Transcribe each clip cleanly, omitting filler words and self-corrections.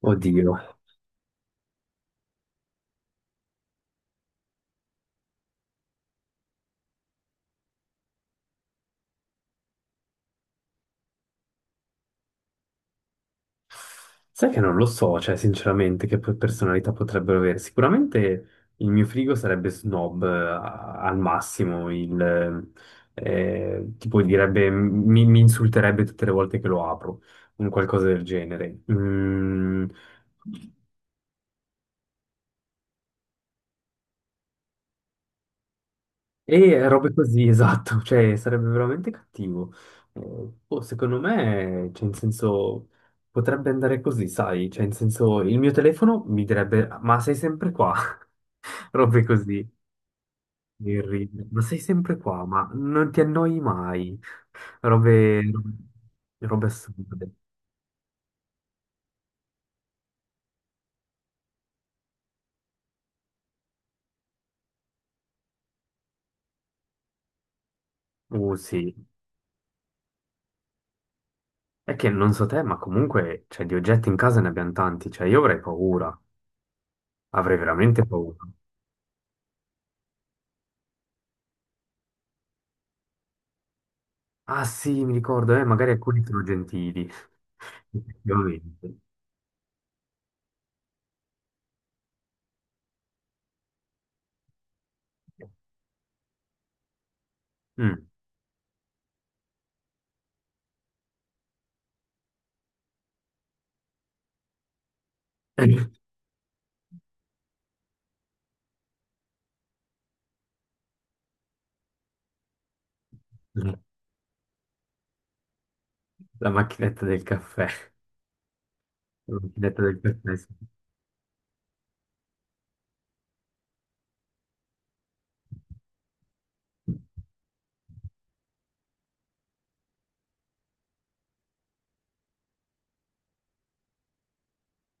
Oddio, sai che non lo so, cioè sinceramente che personalità potrebbero avere. Sicuramente il mio frigo sarebbe snob al massimo, tipo direbbe, mi insulterebbe tutte le volte che lo apro, un qualcosa del genere. E robe così, esatto, cioè sarebbe veramente cattivo. Eh, boh, secondo me, cioè in senso, potrebbe andare così, sai? Cioè in senso, il mio telefono mi direbbe, ma sei sempre qua? Robe così, mi ride. Ma sei sempre qua, ma non ti annoi mai. Robe, robe assurde. Sì. È che non so te, ma comunque, cioè, di oggetti in casa ne abbiamo tanti. Cioè, io avrei paura. Avrei veramente paura. Ah, sì, mi ricordo, magari alcuni sono gentili. Effettivamente. Mm. La macchinetta del caffè. La macchinetta del caffè. Sì.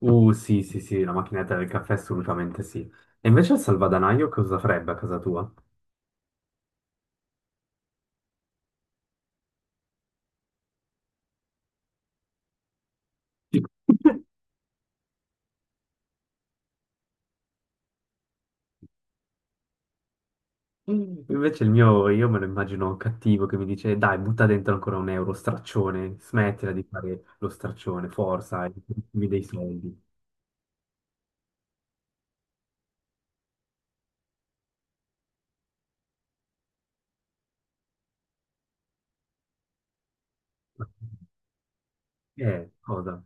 Sì, sì, sì, la macchinetta del caffè assolutamente sì. E invece il salvadanaio cosa farebbe a casa tua? Invece il mio, io me lo immagino cattivo che mi dice, dai, butta dentro ancora un euro, straccione, smettila di fare lo straccione, forza, e mi dei soldi. Ma che cosa?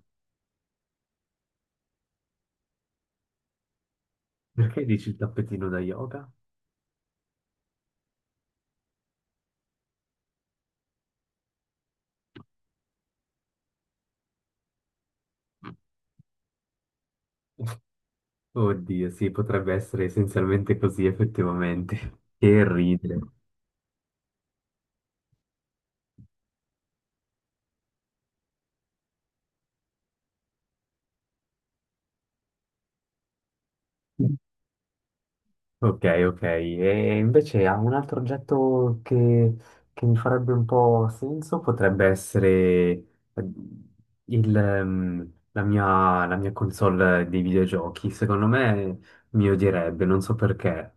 Perché dici il tappetino da yoga? Oddio, sì, potrebbe essere essenzialmente così, effettivamente. Che ridere. Ok, ok. E invece ha un altro oggetto che mi farebbe un po' senso, potrebbe essere la mia console dei videogiochi. Secondo me mi odierebbe, non so perché.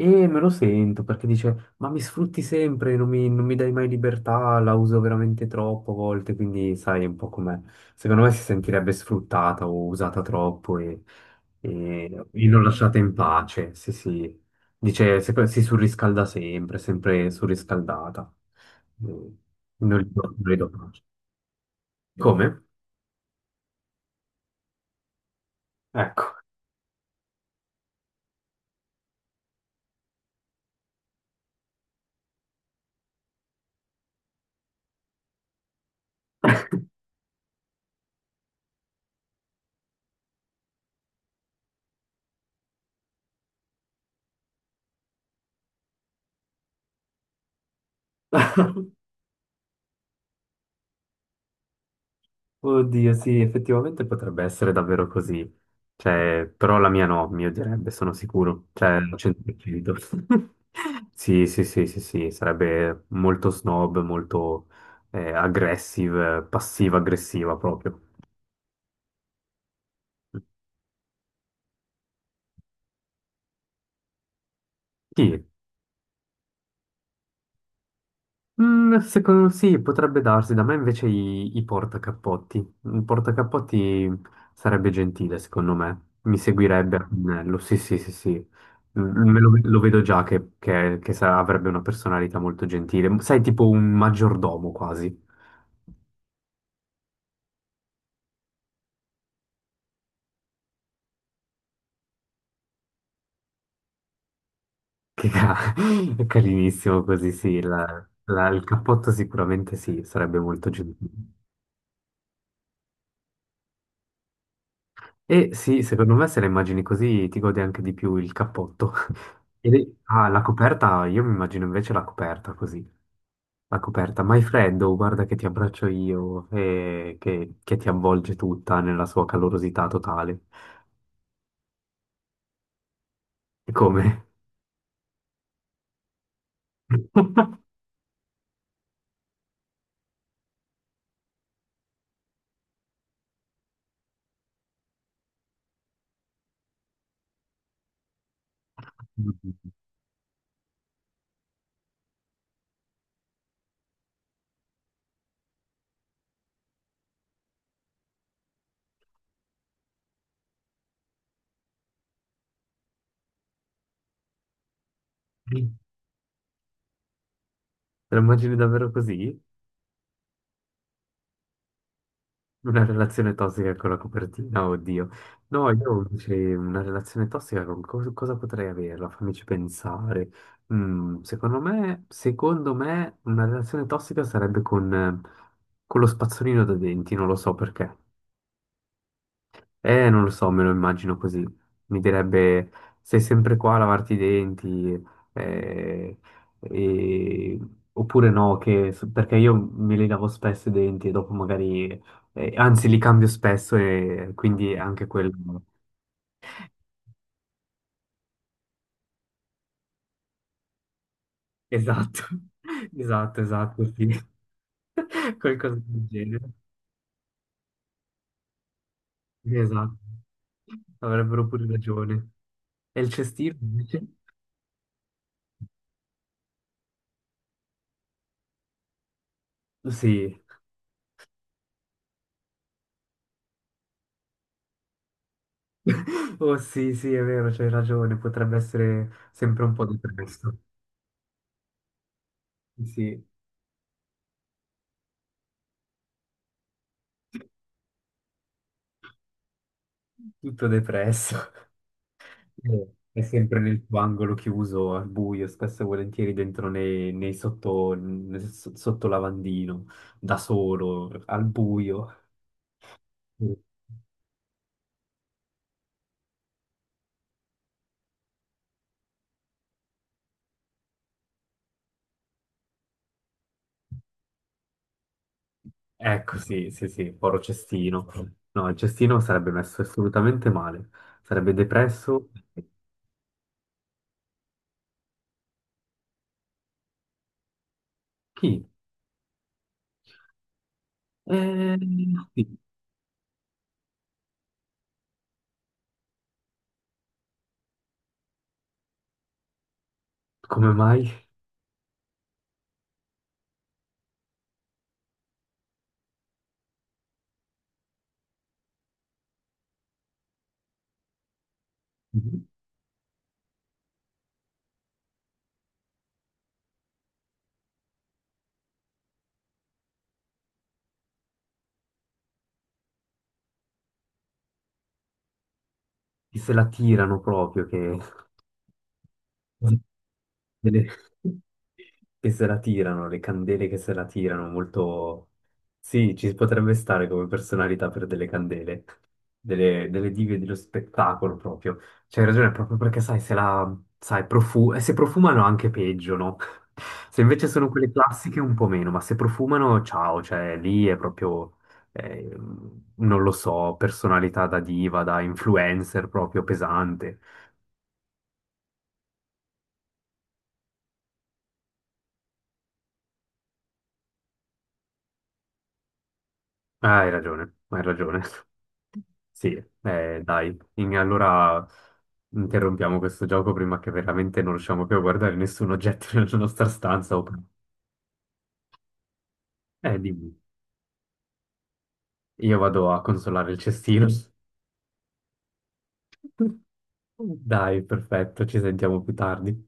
E me lo sento perché dice, ma mi sfrutti sempre, non mi dai mai libertà, la uso veramente troppo a volte, quindi sai un po' com'è. Secondo me si sentirebbe sfruttata o usata troppo e non lasciata in pace. Sì, sì. Dice, si surriscalda sempre, sempre surriscaldata. Mm. Non gli do pace. Come? Ecco. Oddio, sì, effettivamente potrebbe essere davvero così. Cioè, però la mia no, mio direbbe, sono sicuro. Cioè, al 100%. Sì, sì, sì, sì, sì, sarebbe molto snob, molto aggressive, passiva-aggressiva proprio. Sì, mm, secondo, sì, potrebbe darsi, da me invece i portacappotti. Un portacappotti sarebbe gentile, secondo me. Mi seguirebbe a pennello, sì, sì, sì, sì. Mm, lo vedo già che, avrebbe una personalità molto gentile. Sai, tipo un maggiordomo quasi. Che ca- è carinissimo così, sì. Il cappotto sicuramente sì, sarebbe molto gentile. E sì, secondo me se la immagini così ti godi anche di più il cappotto. Ed è- Ah, la coperta, io mi immagino invece la coperta così. La coperta, ma è freddo, guarda che ti abbraccio io e che ti avvolge tutta nella sua calorosità totale. E come? Te la immagini davvero così? Una relazione tossica con la copertina, oddio. No, io invece una relazione tossica con cosa potrei averla? Fammici pensare. Mm, secondo me una relazione tossica sarebbe con lo spazzolino da denti, non lo so perché. Non lo so, me lo immagino così. Mi direbbe, sei sempre qua a lavarti i denti, eh, e- oppure no, che- perché io me li lavo spesso i denti e dopo magari, anzi li cambio spesso e quindi anche quello. Esatto, esatto, sì. Qualcosa del genere. Esatto, avrebbero pure ragione. E il cestino invece? Sì, oh sì, sì, è vero, c'hai ragione, potrebbe essere sempre un po' depresso. Sì, tutto depresso. È sempre nel tuo angolo chiuso, al buio, spesso e volentieri dentro nei nel sotto lavandino, da solo, al buio. Ecco, sì, sì, sì, povero cestino. No, il cestino sarebbe messo assolutamente male, sarebbe depresso. Chi? Eh, sì. Come mai? Che se la tirano proprio, delle- che se la tirano, le candele che se la tirano, molto... Sì, ci potrebbe stare come personalità per delle candele, delle dive dello spettacolo proprio. C'hai ragione, proprio perché sai, se la... sai, profu- se profumano anche peggio, no? Se invece sono quelle classiche un po' meno, ma se profumano, ciao, cioè lì è proprio... eh, non lo so, personalità da diva, da influencer proprio pesante. Ah, hai ragione, hai ragione. Sì, dai, in- allora interrompiamo questo gioco prima che veramente non riusciamo più a guardare nessun oggetto nella nostra stanza. O- eh, dimmi, io vado a consolare il cestino. Dai, perfetto, ci sentiamo più tardi.